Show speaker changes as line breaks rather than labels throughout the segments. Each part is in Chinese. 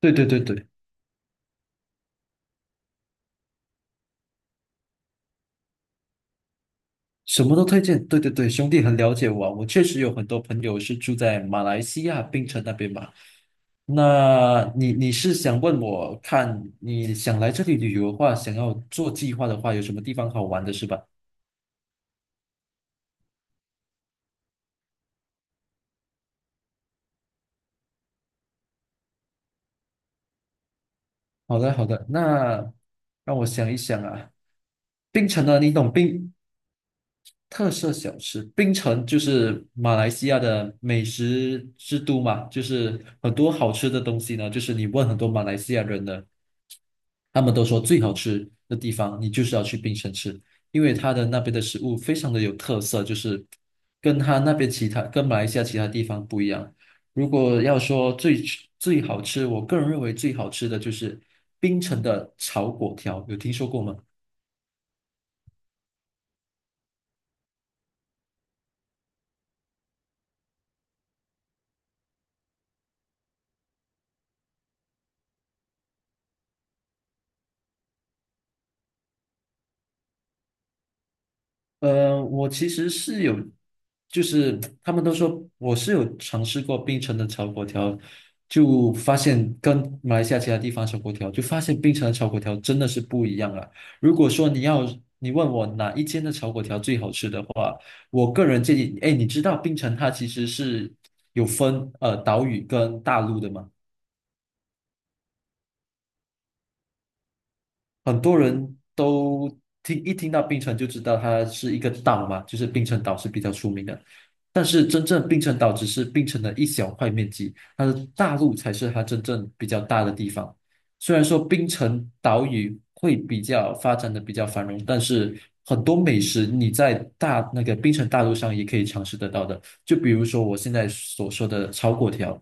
对对对对，什么都推荐。对对对，兄弟很了解我啊，我确实有很多朋友是住在马来西亚槟城那边嘛。那你是想问我，看你想来这里旅游的话，想要做计划的话，有什么地方好玩的是吧？好的好的，那让我想一想啊。槟城呢，你懂槟？特色小吃，槟城就是马来西亚的美食之都嘛，就是很多好吃的东西呢。就是你问很多马来西亚人呢，他们都说最好吃的地方，你就是要去槟城吃，因为它的那边的食物非常的有特色，就是跟它那边其他跟马来西亚其他地方不一样。如果要说最吃最好吃，我个人认为最好吃的就是槟城的炒粿条，有听说过吗？我其实是有，就是他们都说我是有尝试过槟城的炒粿条，就发现跟马来西亚其他地方炒粿条，就发现槟城的炒粿条真的是不一样啊。如果说你问我哪一间的炒粿条最好吃的话，我个人建议，哎，你知道槟城它其实是有分岛屿跟大陆的吗？很多人都听到槟城就知道它是一个岛嘛，就是槟城岛是比较出名的。但是真正槟城岛只是槟城的一小块面积，它的大陆才是它真正比较大的地方。虽然说槟城岛屿会比较发展的比较繁荣，但是很多美食你在那个槟城大陆上也可以尝试得到的。就比如说我现在所说的炒粿条，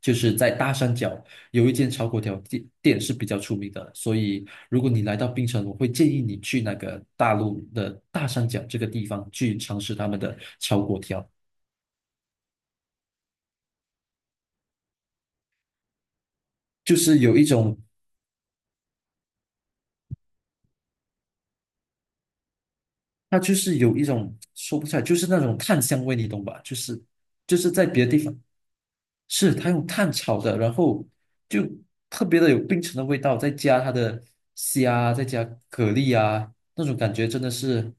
就是在大山脚。有一间炒粿条店是比较出名的，所以如果你来到槟城，我会建议你去那个大陆的大三角这个地方去尝试他们的炒粿条。就是有一种，它就是有一种说不出来，就是那种炭香味，你懂吧？就是在别的地方是它用炭炒的，然后就特别的有槟城的味道，再加它的虾，再加蛤蜊啊，那种感觉真的是，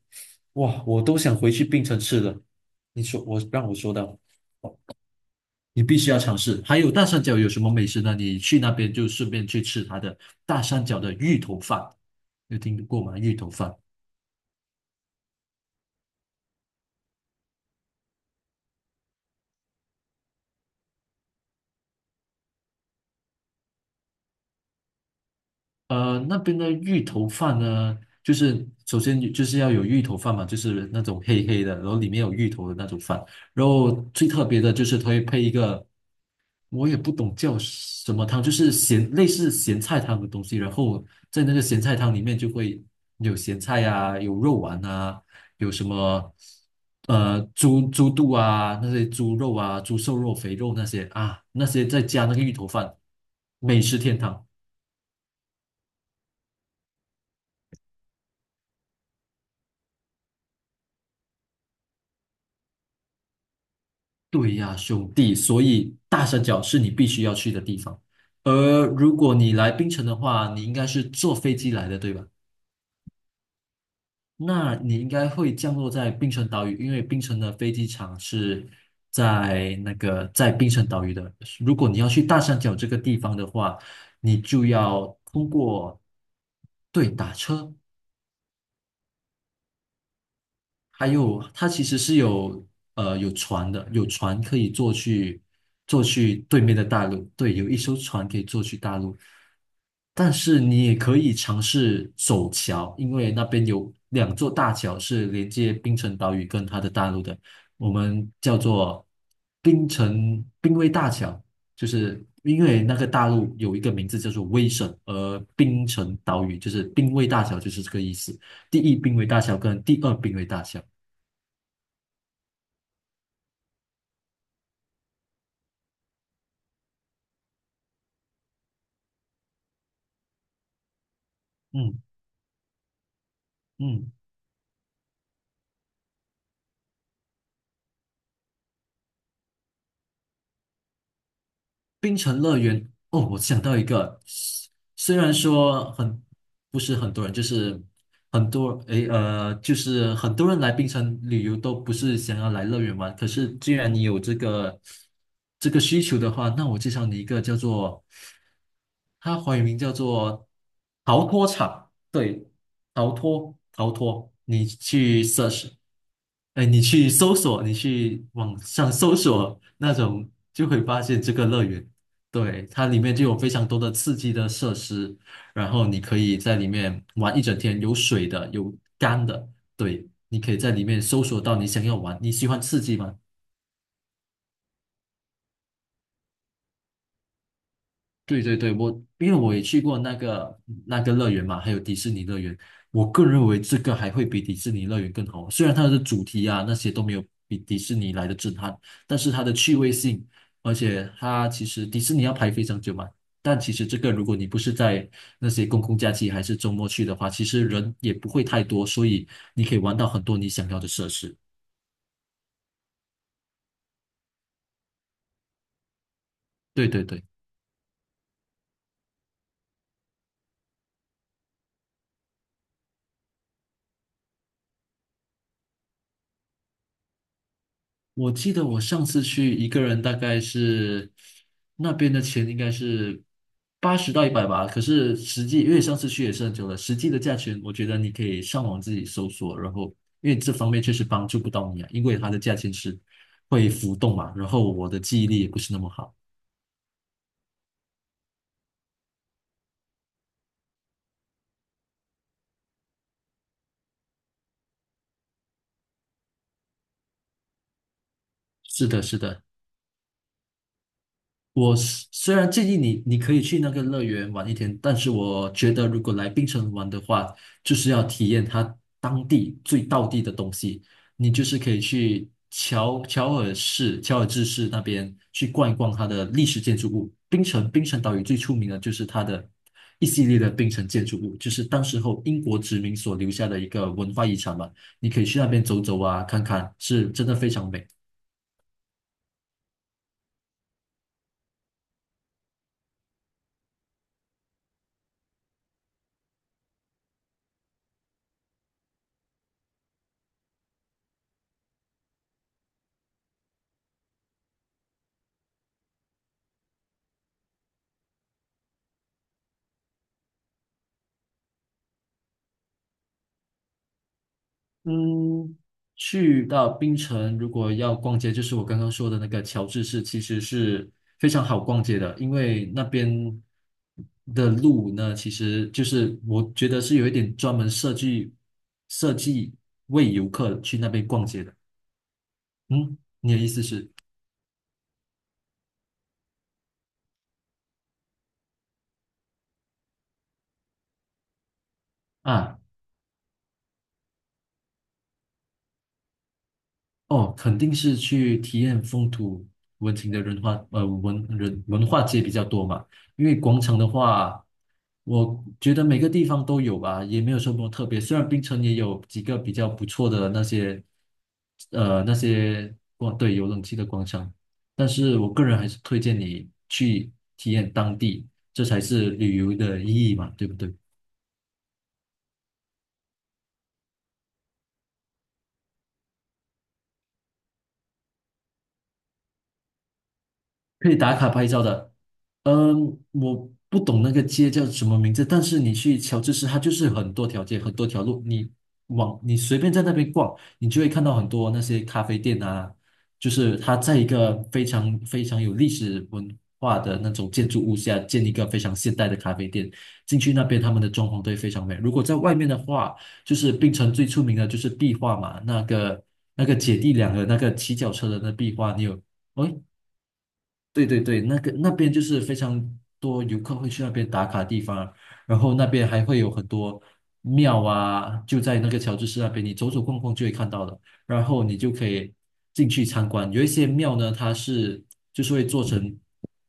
哇，我都想回去槟城吃了。你说我让我说的。你必须要尝试。还有大三角有什么美食呢？你去那边就顺便去吃它的大三角的芋头饭，有听过吗？芋头饭。那边的芋头饭呢，就是首先就是要有芋头饭嘛，就是那种黑黑的，然后里面有芋头的那种饭。然后最特别的就是它会配一个，我也不懂叫什么汤，就是类似咸菜汤的东西。然后在那个咸菜汤里面就会有咸菜啊，有肉丸啊，有什么呃猪猪肚啊，那些猪肉啊，猪瘦肉、肥肉那些啊，那些再加那个芋头饭，美食天堂。对呀，兄弟，所以大山脚是你必须要去的地方。而如果你来槟城的话，你应该是坐飞机来的，对吧？那你应该会降落在槟城岛屿，因为槟城的飞机场是在那个在槟城岛屿的。如果你要去大山脚这个地方的话，你就要通过，对，打车。还有它其实是有有船的，有船可以坐去对面的大陆，对，有一艘船可以坐去大陆。但是你也可以尝试走桥，因为那边有两座大桥是连接槟城岛屿跟它的大陆的，我们叫做槟城槟威大桥，就是因为那个大陆有一个名字叫做威省，而槟城岛屿就是槟威大桥就是这个意思。第一濒危大桥跟第二濒危大桥。嗯嗯。冰城乐园哦，我想到一个，虽然说不是很多人，就是很多诶呃，就是很多人来冰城旅游都不是想要来乐园玩。可是既然你有这个需求的话，那我介绍你一个叫做，它华语名叫做逃脱场。对，逃脱逃脱，你去 search，哎，你去搜索，你去网上搜索那种，就会发现这个乐园。对，它里面就有非常多的刺激的设施，然后你可以在里面玩一整天，有水的，有干的，对，你可以在里面搜索到你想要玩，你喜欢刺激吗？对对对。因为我也去过那个乐园嘛，还有迪士尼乐园。我个人认为这个还会比迪士尼乐园更好。虽然它的主题啊那些都没有比迪士尼来的震撼，但是它的趣味性，而且它其实迪士尼要排非常久嘛。但其实这个如果你不是在那些公共假期还是周末去的话，其实人也不会太多，所以你可以玩到很多你想要的设施。对对对。我记得我上次去一个人，大概是那边的钱应该是80到100吧。可是实际，因为上次去也是很久了，实际的价钱，我觉得你可以上网自己搜索。然后，因为这方面确实帮助不到你啊，因为它的价钱是会浮动嘛。然后我的记忆力也不是那么好。是的，是的。我虽然建议你，你可以去那个乐园玩一天，但是我觉得如果来槟城玩的话，就是要体验它当地最道地的东西。你就是可以去乔尔治市那边去逛一逛它的历史建筑物。槟城岛屿最出名的就是它的一系列的槟城建筑物，就是当时候英国殖民所留下的一个文化遗产嘛。你可以去那边走走啊，看看，是真的非常美。嗯，去到槟城，如果要逛街，就是我刚刚说的那个乔治市，其实是非常好逛街的，因为那边的路呢，其实就是我觉得是有一点专门设计为游客去那边逛街的。嗯，你的意思是啊？哦，肯定是去体验风土文情的文化，文人文化街比较多嘛。因为广场的话，我觉得每个地方都有吧，也没有什么特别。虽然槟城也有几个比较不错的那些，呃，那些广，对，有冷气的广场。但是我个人还是推荐你去体验当地，这才是旅游的意义嘛，对不对？可以打卡拍照的。嗯，我不懂那个街叫什么名字，但是你去乔治市，它就是很多条街，很多条路，你随便在那边逛，你就会看到很多那些咖啡店啊，就是它在一个非常非常有历史文化的那种建筑物下建一个非常现代的咖啡店。进去那边他们的装潢都会非常美。如果在外面的话，就是槟城最出名的就是壁画嘛，那个姐弟两个那个骑脚车的那壁画，你有？哦对对对，那个那边就是非常多游客会去那边打卡地方，然后那边还会有很多庙啊，就在那个乔治市那边，你走走逛逛就会看到的。然后你就可以进去参观，有一些庙呢，就是会做成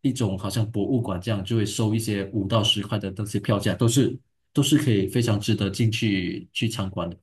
一种好像博物馆这样，就会收一些5到10块的那些票价，都是可以非常值得进去去参观的。